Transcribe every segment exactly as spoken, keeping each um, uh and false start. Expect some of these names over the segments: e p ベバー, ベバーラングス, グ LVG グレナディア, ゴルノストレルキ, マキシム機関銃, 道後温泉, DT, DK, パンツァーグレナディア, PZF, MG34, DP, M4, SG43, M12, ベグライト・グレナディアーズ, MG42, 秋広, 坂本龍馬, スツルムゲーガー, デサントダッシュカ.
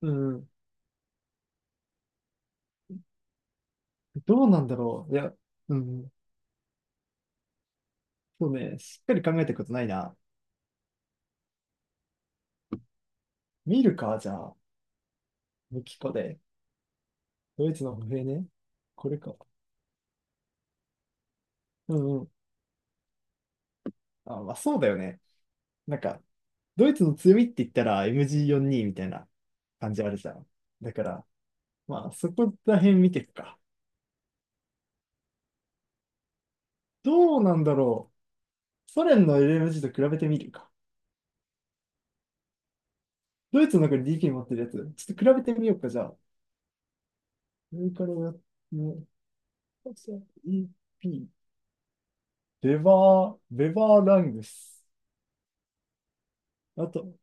うん。どうなんだろう。いや、うん。そうね、しっかり考えたことないな。見るか、じゃあ、ミキコで。ドイツの歩兵ね。これか。うんうん。あ、まあそうだよね。なんか、ドイツの強みって言ったら エムジーよんじゅうに みたいな感じあるじゃん。だから、まあそこら辺見ていくか。どうなんだろう。ソ連の エルエムジー と比べてみるか。ドイツの中に ディーケー 持ってるやつ、ちょっと比べてみようか、じゃあ。上からやっ、ね、e p ベバー、ベバーラングス。あと、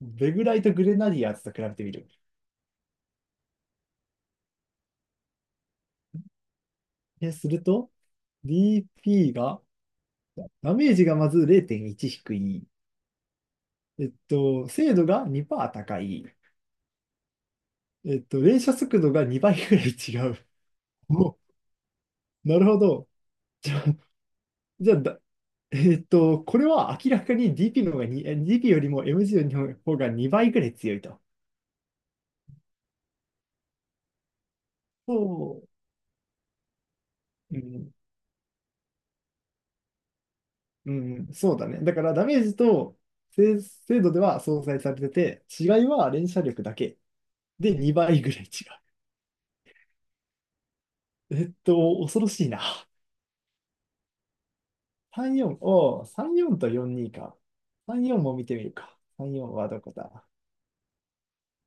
ベグライト・グレナディアーズと比べてみる。え、すると、ディーピー が、ダメージがまずれいてんいち低い。えっと、精度がにパーセント高い。えっと、連射速度がにばいぐらい違う。お、なるほど。じゃあ、じゃあだ、えっと、これは明らかに ディーピー の方がにえ ディーピー よりも エムジー の方がにばいぐらい強いと。そう。うんうん、そうだね。だからダメージと精精度では相殺されてて、違いは連射力だけでにばいぐらい違う。えっと、恐ろしいな。さんじゅうよん、よんおう、さんじゅうよんとよんじゅうにか。さんじゅうよんも見てみるか。さんじゅうよんはどこだ。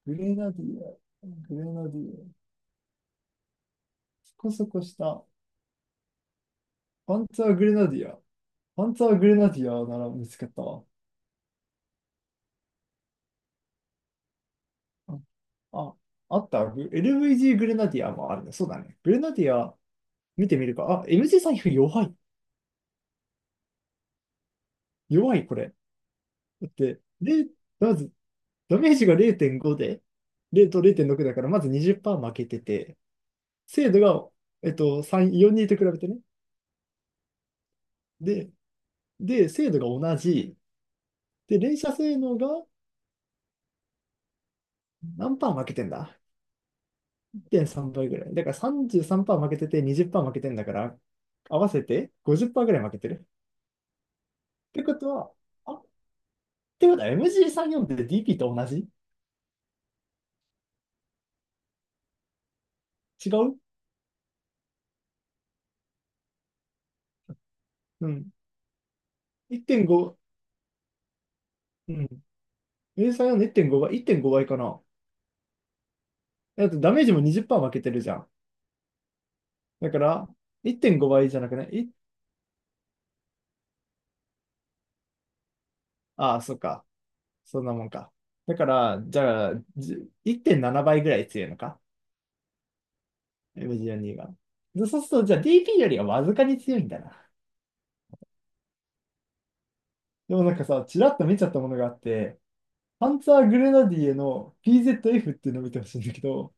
グレナディア、グレナディア、そこそこした。パンツァーグレナディア。パンツァーグレナディアなら見つけたわ。あ、あった。グ エルブイジー グレナディアもあるね。そうだね。グレナディア見てみるか。あ、エムジー 財布弱い。弱い、これ。だって、で、まず、ダメージがれいてんごで、れいとれいてんろくだから、まずにじゅっパーセント負けてて、精度が、えっと、さん、4にと比べてね。で、で、精度が同じ。で、連射性能が何パー負けてんだ？ いってんさん 倍ぐらい。だからさんじゅうさんパーセント負けててにじゅっパーセント負けてんだから、合わせてごじゅっパーセントぐらい負けてる。ってことは、あ、ってことは エムジーさんじゅうよん って ディーピー と同じ。違う。うん。いってんご、うん。エムジーさんじゅうよん のいってんごばい、いってんごばいかな。だってダメージもにじゅっパーセント負けてるじゃん。だから、1.5倍じゃなくないいああ、そっか。そんなもんか。だから、じゃあ、じゅいってんななばいぐらい強いのか、 m g 4にが。でそうすると、じゃあ ディーピー よりはわずかに強いんだな。でもなんかさ、ちらっと見ちゃったものがあって、パンツァーグレナディエの ピーゼットエフ っていうのを見てほしいんだけど、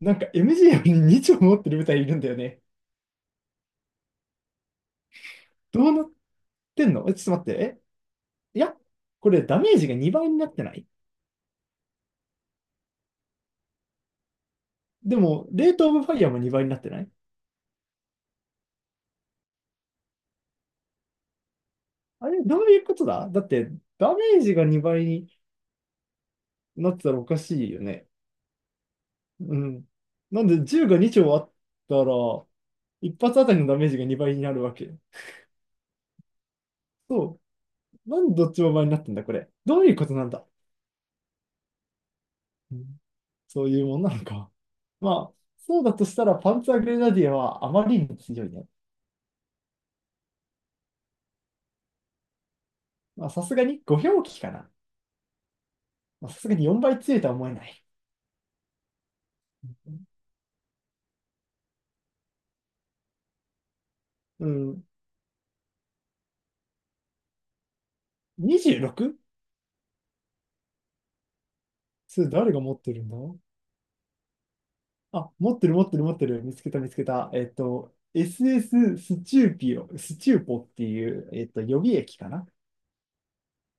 なんか エムジー よりに丁持ってる部隊いるんだよね。どうなってんの？え、ちょっと待って。えいや、これダメージがにばいになってない？でも、レートオブファイヤーもにばいになってない？あれ、どういうことだ？だって、ダメージがにばいになってたらおかしいよね。うん。なんで、銃がに丁あったら、一発あたりのダメージがにばいになるわけ。そう。なんでどっちも倍になってんだ、これ。どういうことなんだ。うん、そういうもんなのか。まあ、そうだとしたら、パンツァーグレナディアはあまりに強いね。まあ、さすがにご表記かな。まあ、さすがによんばい強いとは思えない。うん。にじゅうろく？ それ誰が持ってるんだ。あ、持ってる持ってる持ってる。見つけた見つけた。えっと、エスエス スエススチューピオ、スチューポっていう、えっと、予備駅かな。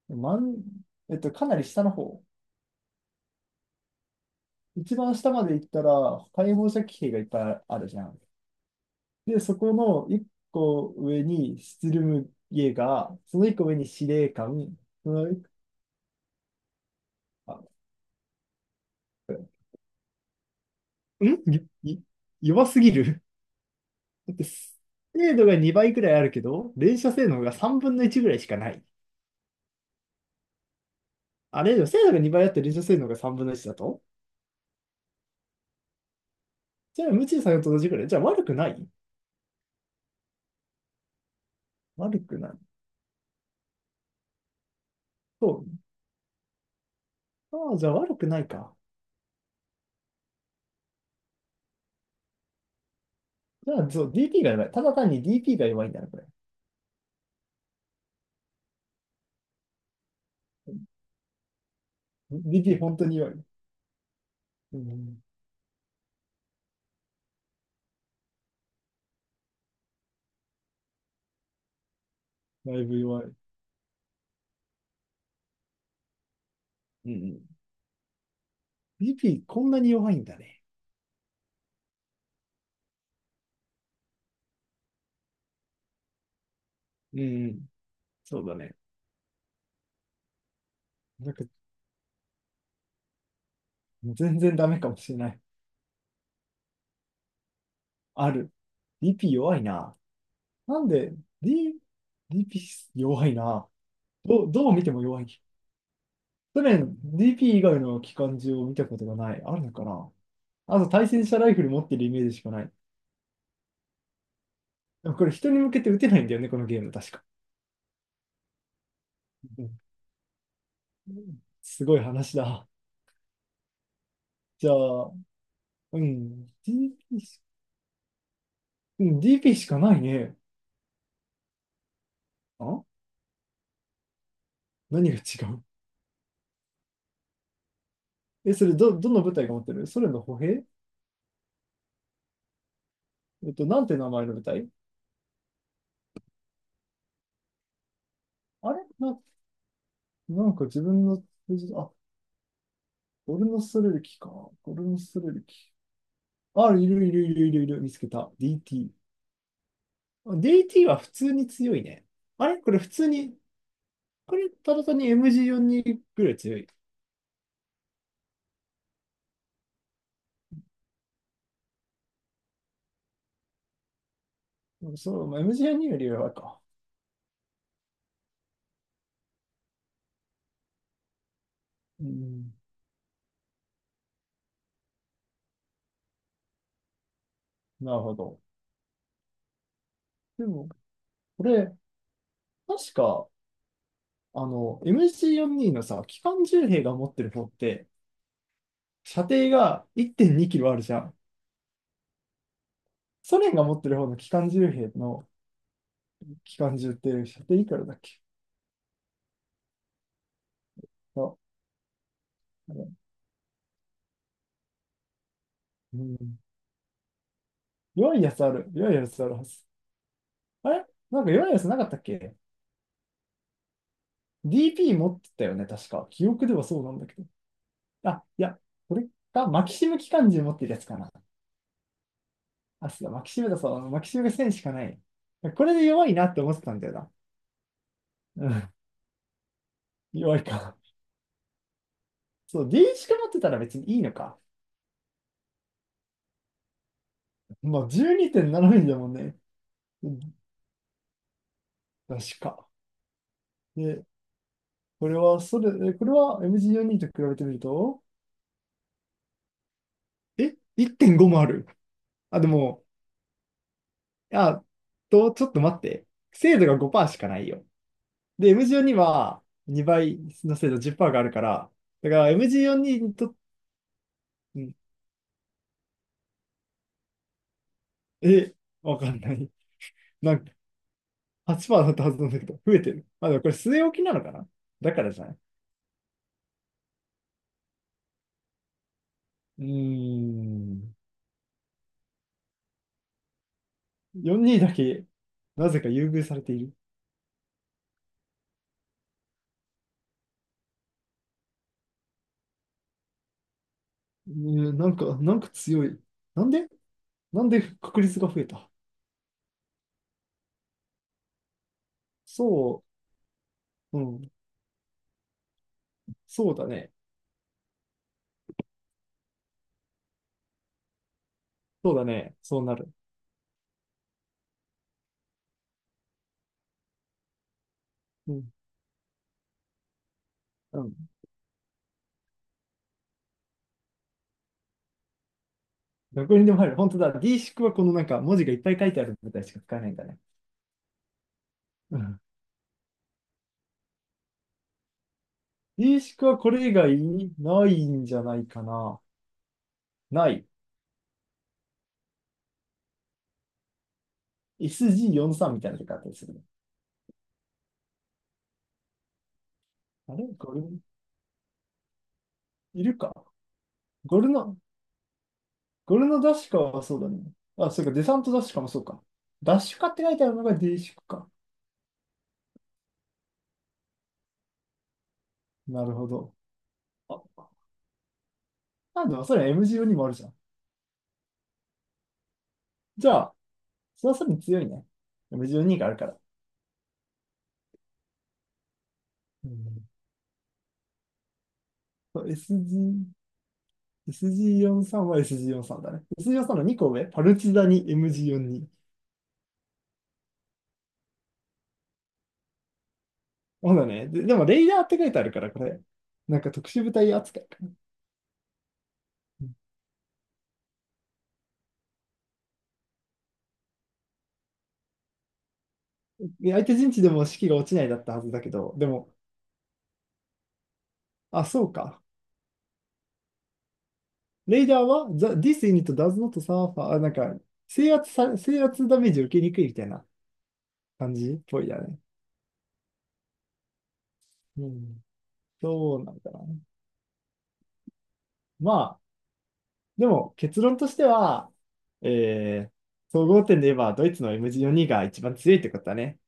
まん、えっと、かなり下の方。一番下まで行ったら、解放射器兵がいっぱいあるじゃん。で、そこの一個上にスツルムゲーガー、その一個上に司令官、その一個、あ、んいい弱すぎる。だって、精度がにばいくらいあるけど、連射性能がさんぶんのいちぐらいしかない。あれでも、精度がにばいあって臨床性能がさんぶんのいちだと、じゃあ、無知作んと同じくらい。じゃあ、悪くない。悪くない。そう。ああ、じゃあ悪くないか。じゃあ、そう、ディーピー が弱い。ただ単に ディーピー が弱いんだな、これ。DP 本当に弱い。うん、だいぶ弱い。うんうん。ディーピー こんなに弱いんだね。うんうん。そうだね。なんか、全然ダメかもしれない。ある。ディーピー 弱いな。なんで、D、ディーピー 弱いな。どう、どう見ても弱い。去年 ディーピー 以外の機関銃を見たことがない。あるのかな。あと対戦車ライフル持ってるイメージしかない。でもこれ人に向けて撃てないんだよね、このゲーム確か。うん、すごい話だ。じゃあ、うん、ディーピー し、うん、ディーピー しかないね。あ、何が違う？え、それど、どの部隊が持ってるソ連の歩兵。えっと、なんて名前の部隊。あれな、なんか自分の、あ、ゴルノストレルキか。ゴルノストレルキ。あ、いるいるいるいるいる、見つけた。ディーティー。ディーティー は普通に強いね。あれこれ普通に、これただ単に エムジーよんじゅうに ぐらい強い。そう、エムジーよんじゅうに よんじゅうにより弱いか。うん、なるほど。でも、これ、確か、あの、エムジーよんじゅうに のさ、機関銃兵が持ってる方って、射程がいってんにキロあるじゃん。ソ連が持ってる方の機関銃兵の機関銃って射程いくらだっけ。あ、あれうん、弱いやつある。弱いやつあるはず。あれなんか弱いやつなかったっけ。 ディーピー 持ってたよね、確か。記憶ではそうなんだけど。あ、いや、これか、マキシム機関銃持ってるやつかな。あ、そうだ、マキシムだ、そう、マキシムがせんしかない。これで弱いなって思ってたんだよな。うん、弱いか。そう、D しか持ってたら別にいいのか。まあ、じゅうにてんななミリだもんね。うん、確か。で、これは、それ、これは エムジーよんじゅうに と比べてみると、え、いってんごもある。あ、でも、あ、と、ちょっと待って。精度がごパーセントしかないよ。で、エムジーよんじゅうに はにばいの精度じゅっパーセントがあるから、だから エムジーよんじゅうに にとって、うん。え、わかんない。なんかはちパーセントだったはずなんだけど、増えてる。まあでもこれ据え置きなのかな。だからじゃない。うーん。よんじゅうにだけ、なぜか優遇されている。うーん、なんか、なんか強い。なんで？なんで確率が増えた？そう、うん。そうだね。そうだね。そうなる。うん。うん。どこにでも入る。本当だ。D 式はこのなんか文字がいっぱい書いてあるみたいしか使えないんだね。うん、 D 式はこれ以外ないんじゃないかな。ない。エスジーよんじゅうさん みたいな出方でするね。あれゴル、いるか。ゴルの、ゴルのダッシュカはそうだね。あ、そうか、デサントダッシュカもそうか。ダッシュカって書いてあるのが D 式か。なるほど。あ、なんだ、それ エムじゅうに もあるじゃん。じゃあ、それはさらに強いね。エムじゅうに があるから。うん、そう エスジー、エスジーよんじゅうさん は エスジーよんじゅうさん だね。エスジーよんじゅうさん のにこ上、パルチザに エムジーよんじゅうに。そうだね。で、でも、レイダーって書いてあるから、これ。なんか特殊部隊扱いかな。で相手陣地でも士気が落ちないだったはずだけど、でも、あ、そうか。レイダーは、the, this unit does not suffer, あなんか、制圧さ、制圧ダメージを受けにくいみたいな感じっぽいだね。うん。そうなんだな。まあ、でも結論としては、えー、総合点で言えば、ドイツの エムよん が一番強いってことだね。